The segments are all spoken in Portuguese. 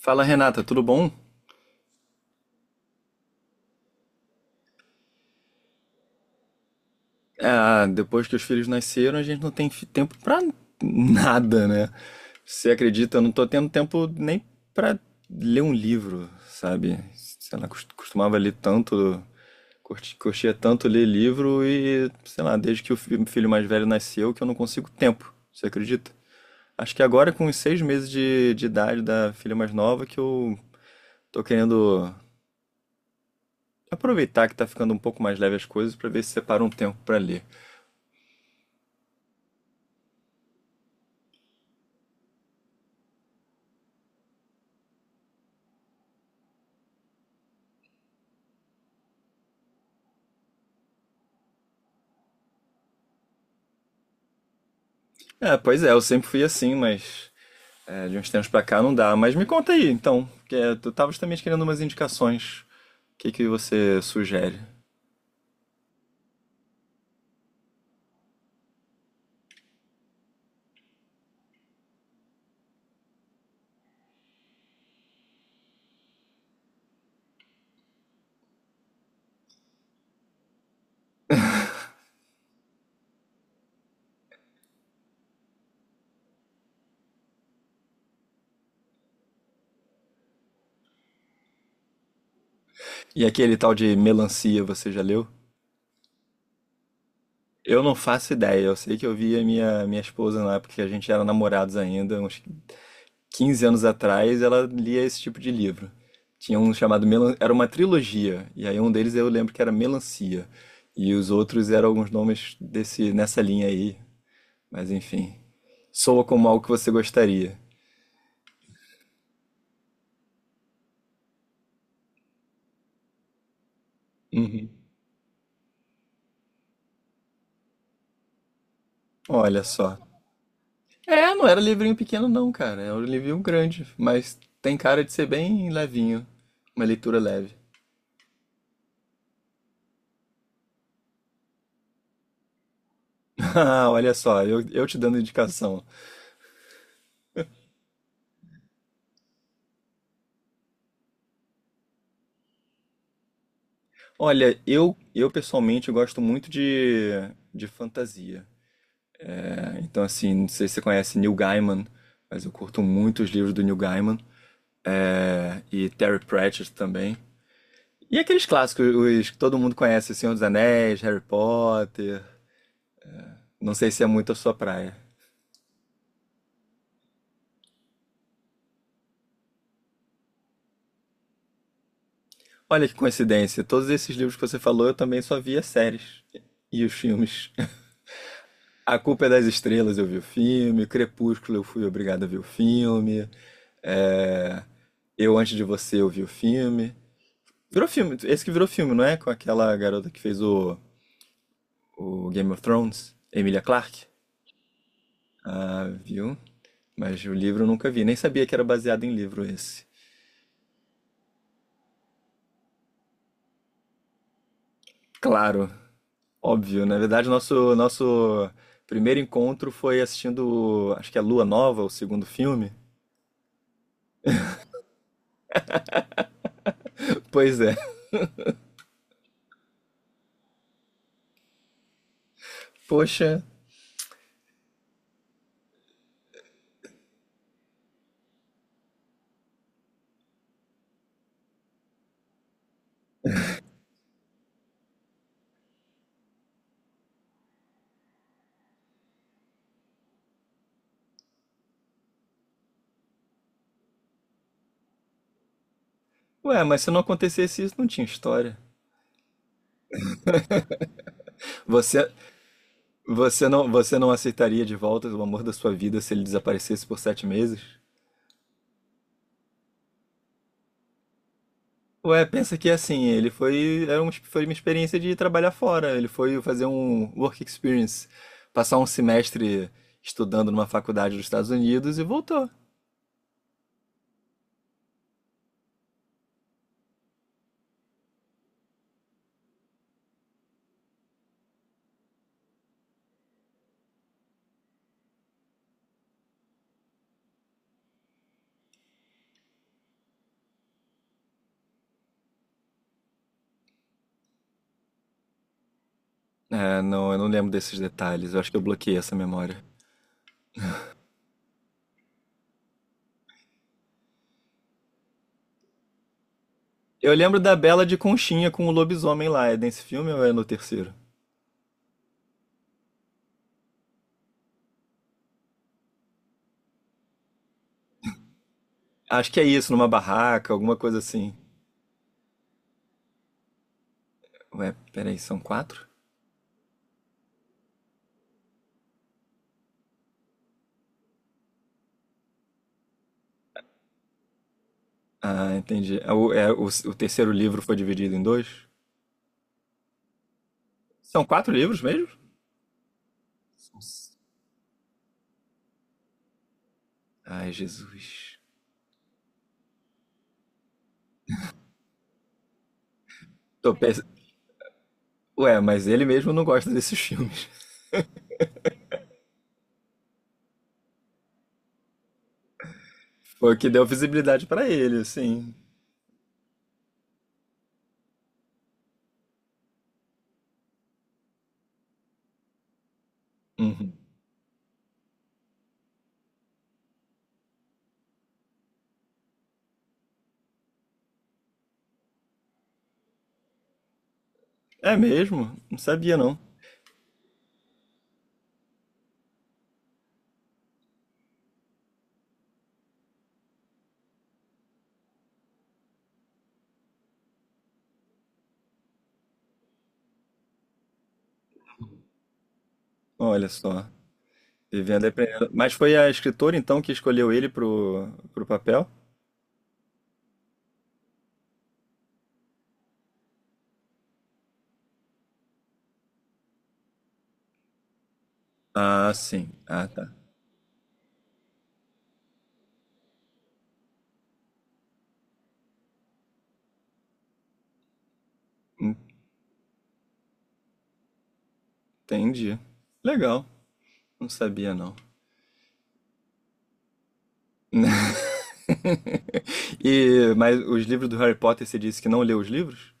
Fala, Renata, tudo bom? Ah, depois que os filhos nasceram, a gente não tem tempo pra nada, né? Você acredita? Eu não tô tendo tempo nem pra ler um livro, sabe? Sei lá, costumava ler tanto, curtia tanto ler livro e, sei lá, desde que o filho mais velho nasceu que eu não consigo tempo, você acredita? Acho que agora com os 6 meses de idade da filha mais nova que eu tô querendo aproveitar que tá ficando um pouco mais leve as coisas pra ver se separa um tempo pra ler. É, pois é, eu sempre fui assim, mas é, de uns tempos pra cá não dá. Mas me conta aí, então, que é, eu tava justamente querendo umas indicações. O que que você sugere? E aquele tal de Melancia, você já leu? Eu não faço ideia, eu sei que eu vi a minha esposa na época que a gente era namorados ainda, uns 15 anos atrás, ela lia esse tipo de livro. Tinha um chamado Melan... Era uma trilogia, e aí um deles eu lembro que era Melancia. E os outros eram alguns nomes desse, nessa linha aí. Mas enfim, soa como algo que você gostaria. Uhum. Olha só. É, não era livrinho pequeno não, cara. Era um livrinho grande, mas tem cara de ser bem levinho. Uma leitura leve. Ah, olha só, eu te dando indicação. Olha, eu pessoalmente gosto muito de fantasia. É, então, assim, não sei se você conhece Neil Gaiman, mas eu curto muito os livros do Neil Gaiman. É, e Terry Pratchett também. E aqueles clássicos, os que todo mundo conhece, Senhor dos Anéis, Harry Potter. Não sei se é muito a sua praia. Olha que coincidência, todos esses livros que você falou eu também só via séries e os filmes. A Culpa é das Estrelas eu vi o filme, Crepúsculo eu fui obrigado a ver o filme, é, Eu Antes de Você eu vi o filme. Virou filme, esse que virou filme, não é? Com aquela garota que fez o Game of Thrones, Emilia Clarke. Ah, viu? Mas o livro eu nunca vi, nem sabia que era baseado em livro esse. Claro, óbvio, na verdade, nosso primeiro encontro foi assistindo, acho que é Lua Nova, o segundo filme. Pois é. Poxa, ué, mas se não acontecesse isso, não tinha história. Você você não aceitaria de volta o amor da sua vida se ele desaparecesse por 7 meses? Ué, pensa que assim, ele foi era um, foi uma experiência de trabalhar fora, ele foi fazer um work experience, passar um semestre estudando numa faculdade dos Estados Unidos e voltou. É, não, eu não lembro desses detalhes. Eu acho que eu bloqueei essa memória. Eu lembro da Bela de Conchinha com o lobisomem lá. É nesse filme ou é no terceiro? Acho que é isso, numa barraca, alguma coisa assim. Ué, peraí, são quatro? Ah, entendi. É, o terceiro livro foi dividido em dois? São quatro livros mesmo? Ai, Jesus. Tô pens... Ué, mas ele mesmo não gosta desses filmes. Foi o que deu visibilidade pra ele, assim. Uhum. É mesmo? Não sabia, não. Olha só. Vivendo e aprendendo. Mas foi a escritora então que escolheu ele pro papel? Ah, sim. Ah, tá. Entendi. Legal. Não sabia não. E mas os livros do Harry Potter você disse que não leu os livros?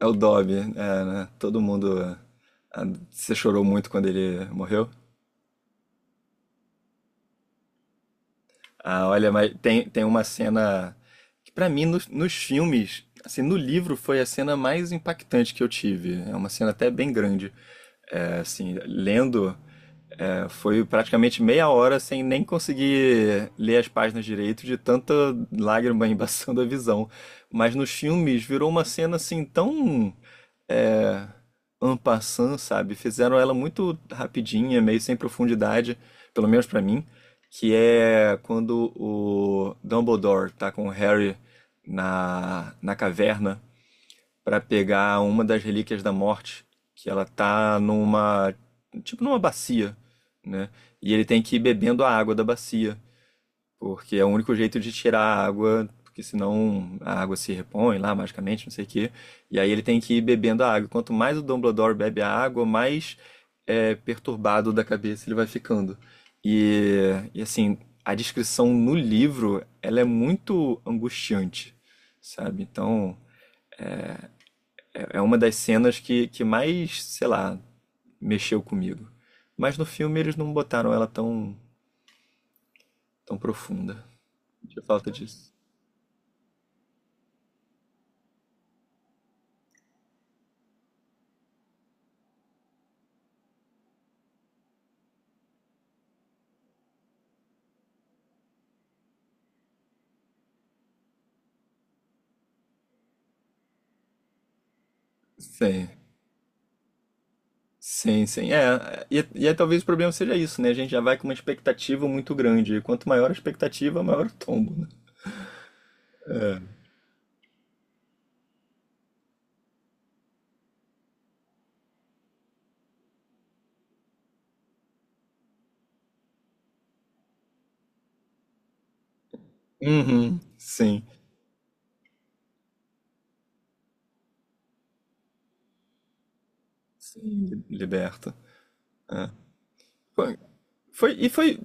É o Dobby, é, né? Todo mundo ah, você chorou muito quando ele morreu? Ah, olha, mas tem uma cena que pra mim nos filmes, assim, no livro foi a cena mais impactante que eu tive. É uma cena até bem grande. É, assim, lendo, é, foi praticamente meia hora sem nem conseguir ler as páginas direito de tanta lágrima embaçando a visão. Mas nos filmes virou uma cena assim tão é, en passant, sabe? Fizeram ela muito rapidinha, meio sem profundidade, pelo menos pra mim, que é quando o Dumbledore tá com o Harry na caverna pra pegar uma das relíquias da morte, que ela tá numa, tipo numa bacia, né? E ele tem que ir bebendo a água da bacia porque é o único jeito de tirar a água, porque senão a água se repõe lá magicamente, não sei o quê. E aí ele tem que ir bebendo a água. Quanto mais o Dumbledore bebe a água, mais é, perturbado da cabeça ele vai ficando. E assim, a descrição no livro, ela é muito angustiante, sabe? Então, é, é uma das cenas que mais, sei lá, mexeu comigo. Mas no filme eles não botaram ela tão, tão profunda. Tinha falta disso. Sim. Sim, sim. É, e aí talvez o problema seja isso, né? A gente já vai com uma expectativa muito grande. E quanto maior a expectativa, maior o tombo, né? Uhum. Sim, sim, liberta. É. Foi, foi,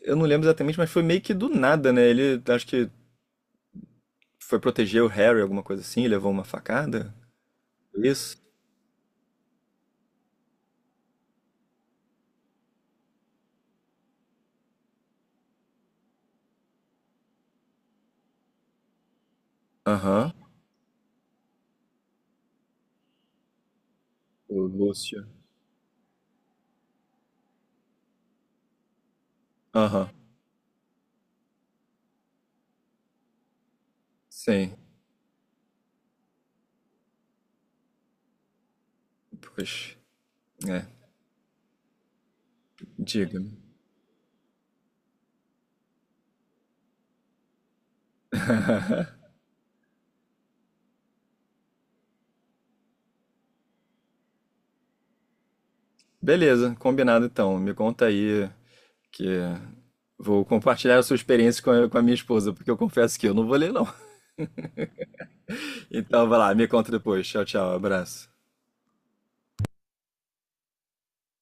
eu não lembro exatamente, mas foi meio que do nada, né? Ele, acho que foi proteger o Harry, alguma coisa assim, levou uma facada. Isso? Aham. O Lúcio. Aham. Sim. Pois, é. Diga-me. Beleza, combinado então. Me conta aí que vou compartilhar a sua experiência com a minha esposa, porque eu confesso que eu não vou ler, não. Então, vai lá, me conta depois. Tchau, tchau, abraço.